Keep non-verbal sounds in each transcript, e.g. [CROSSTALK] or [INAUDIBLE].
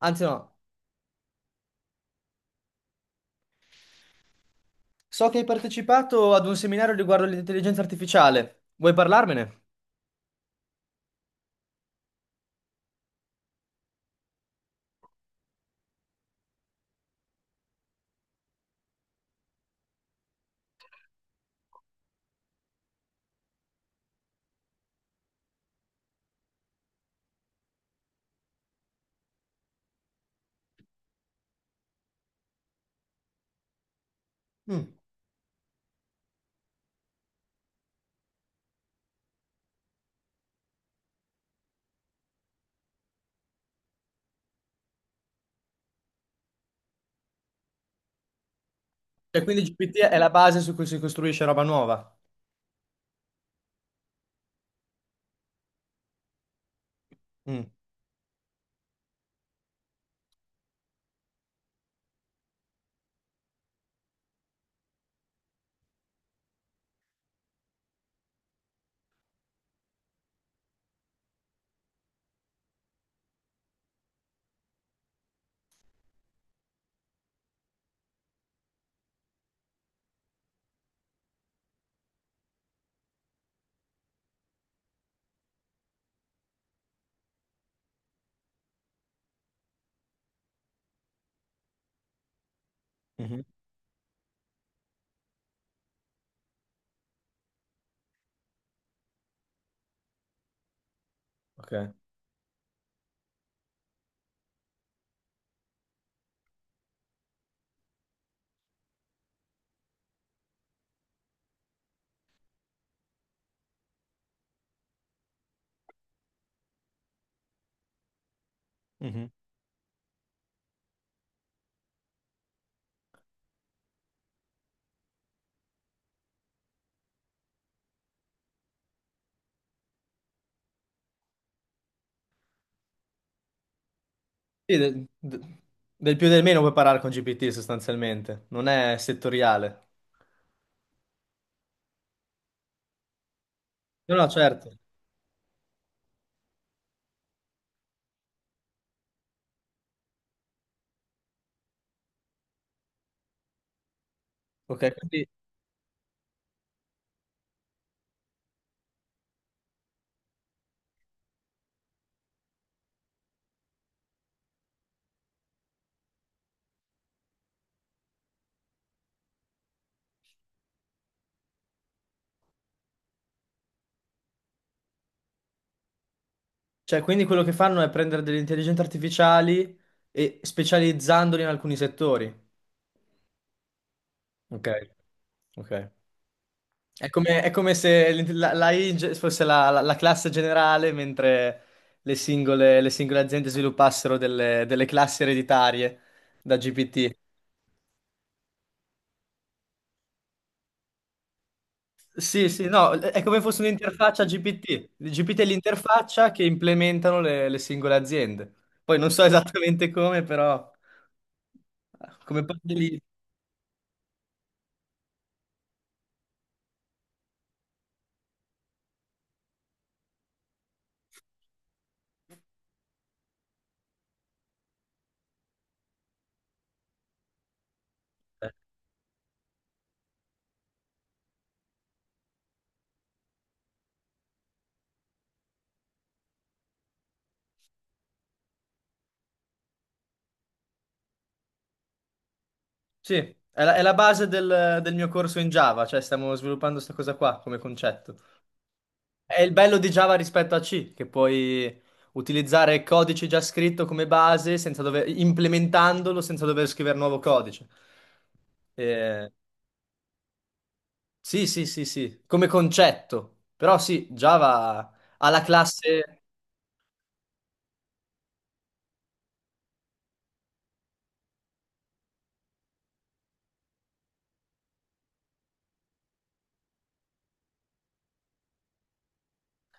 Anzi no, so che hai partecipato ad un seminario riguardo l'intelligenza artificiale. Vuoi parlarmene? Mm. Cioè, quindi GPT è la base su cui si costruisce roba nuova. Mm. Mhm. Ok. Mhm. Sì, del più e del meno puoi parlare con GPT sostanzialmente, non è settoriale. No, no, certo. Ok, quindi, cioè, quindi quello che fanno è prendere delle intelligenze artificiali e specializzandoli in alcuni settori. Ok. Ok. È come se l- la- l'AI fosse la classe generale, mentre le singole aziende sviluppassero delle, delle classi ereditarie da GPT. Sì, sì, no, è come fosse un'interfaccia GPT. Il GPT è l'interfaccia che implementano le singole aziende. Poi non so esattamente come, però come parte lì. Sì, è la base del, mio corso in Java, cioè stiamo sviluppando questa cosa qua come concetto. È il bello di Java rispetto a C, che puoi utilizzare codice già scritto come base senza dover- implementandolo senza dover scrivere nuovo codice. Eh, sì, sì, sì, sì, come concetto. Però sì, Java ha la classe.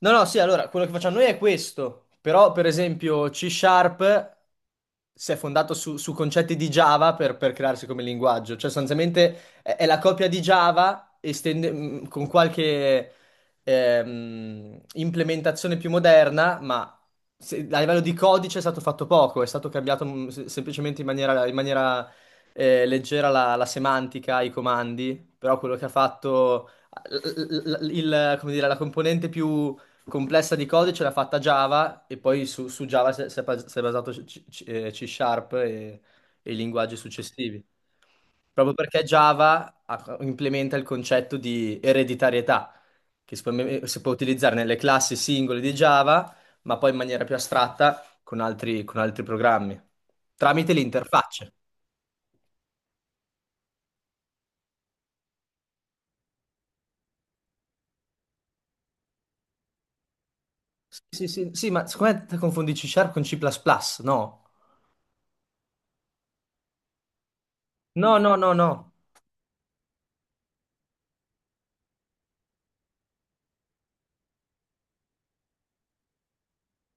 No, no, sì, allora, quello che facciamo noi è questo, però per esempio C Sharp si è fondato su, su concetti di Java per crearsi come linguaggio, cioè sostanzialmente è la copia di Java con qualche implementazione più moderna, ma a livello di codice è stato fatto poco, è stato cambiato semplicemente in maniera, leggera la semantica, i comandi, però quello che ha fatto come dire, la componente più complessa di codice l'ha fatta Java e poi su, su Java si è basato C, C Sharp e i linguaggi successivi. Proprio perché Java implementa il concetto di ereditarietà, che si può, si può utilizzare nelle classi singole di Java, ma poi in maniera più astratta con altri programmi, tramite l'interfaccia. Sì, sì, sì, sì, ma secondo me te confondi C Sharp con C++, no? No, no, no, no.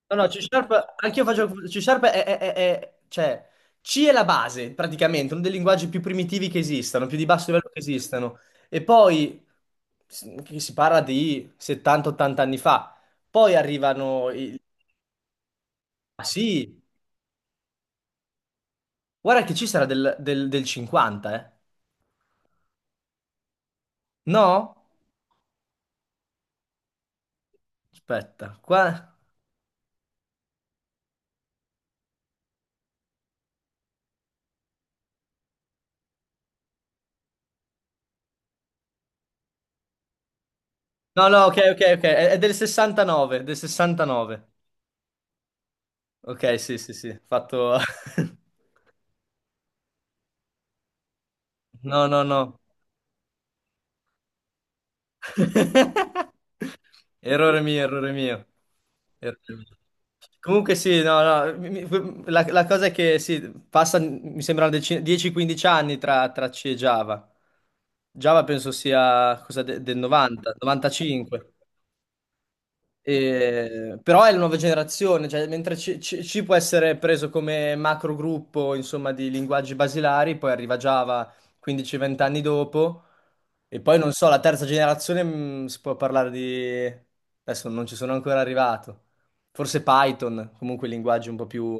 No, no, C Sharp, anch'io faccio C Sharp cioè, C è la base, praticamente, uno dei linguaggi più primitivi che esistano, più di basso livello che esistano. E poi, che si parla di 70-80 anni fa, poi arrivano i... Ah, sì, guarda che C sarà del, del 50, eh. No? Aspetta, qua... No, no, ok, ok, ok, è del 69, del 69. Ok, sì, sì, sì, fatto... [LAUGHS] No, no, no. [LAUGHS] Errore mio, errore mio. Errore mio. Comunque sì, no, no, la cosa è che sì, passa, mi sembra, 10-15 anni tra, tra C e Java. Java penso sia del 90, 95. Però è la nuova generazione, cioè, mentre C, C può essere preso come macro gruppo, insomma, di linguaggi basilari, poi arriva Java 15-20 anni dopo, e poi non so, la terza generazione si può parlare di... Adesso non ci sono ancora arrivato. Forse Python, comunque linguaggi un po' più...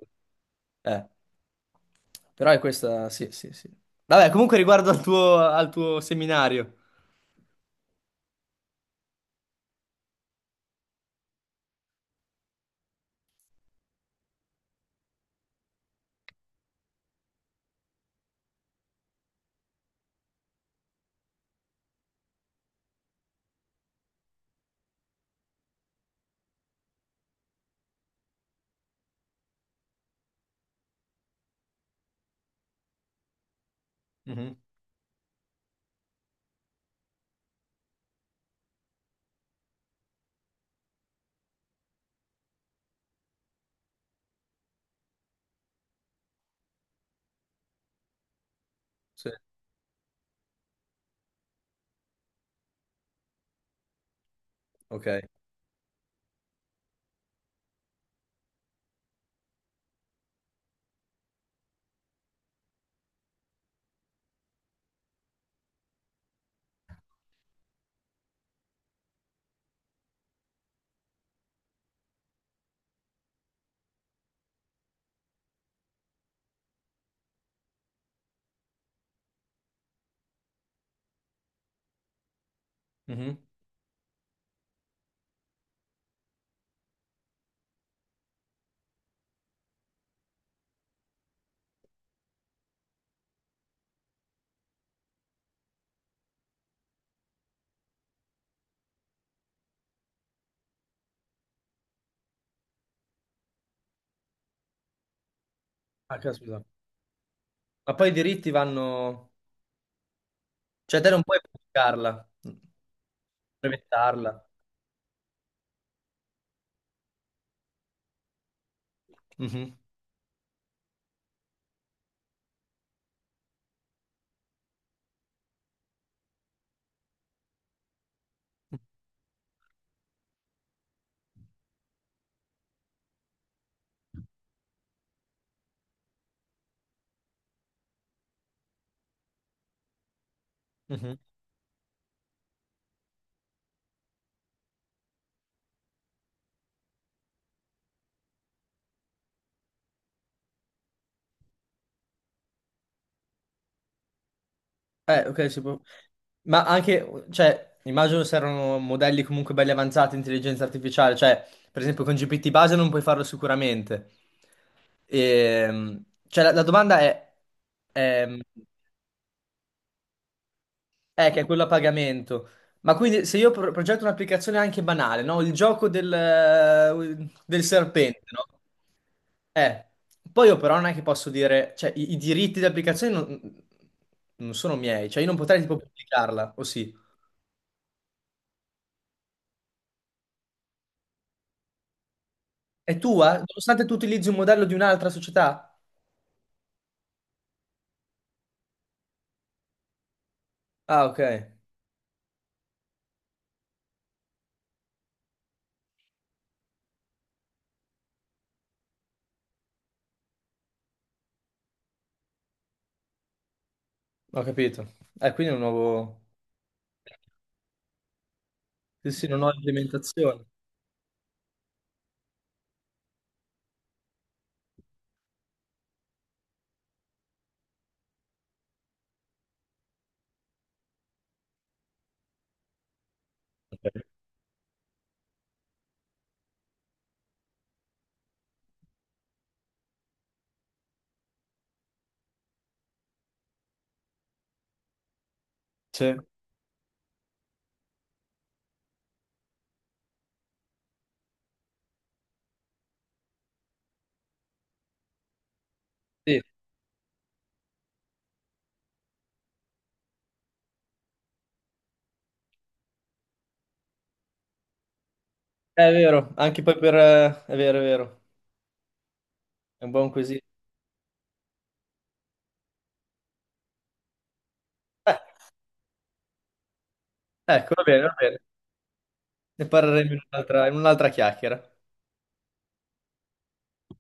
eh. Però è questa, sì, sì, sì. Vabbè, comunque riguardo al tuo seminario. Mhm. Sì, ok. Mhm. Ah, caspita. Ma poi i diritti vanno... Cioè te non puoi pubblicarla, brevettarla. Mhm, mhm. Ok, si può. Ma anche, cioè, immagino se erano modelli comunque belli avanzati, intelligenza artificiale, cioè, per esempio con GPT base non puoi farlo sicuramente. Cioè, la, la domanda è, ehm, eh, che è quello a pagamento. Ma quindi se io progetto un'applicazione anche banale, no? Il gioco del, del serpente, no? Eh, poi io però non è che posso dire, cioè i diritti di applicazione non, non sono miei, cioè io non potrei tipo pubblicarla, o sì. È tua? Nonostante tu utilizzi un modello di un'altra società? Ah, ok, ho capito. Quindi è un nuovo... Sì, sì, una nuova implementazione. Sì. Sì, è vero, anche poi per... È vero, è vero, è un buon quesito. Eh, ecco, va bene, va bene. Ne parleremo in un'altra chiacchiera.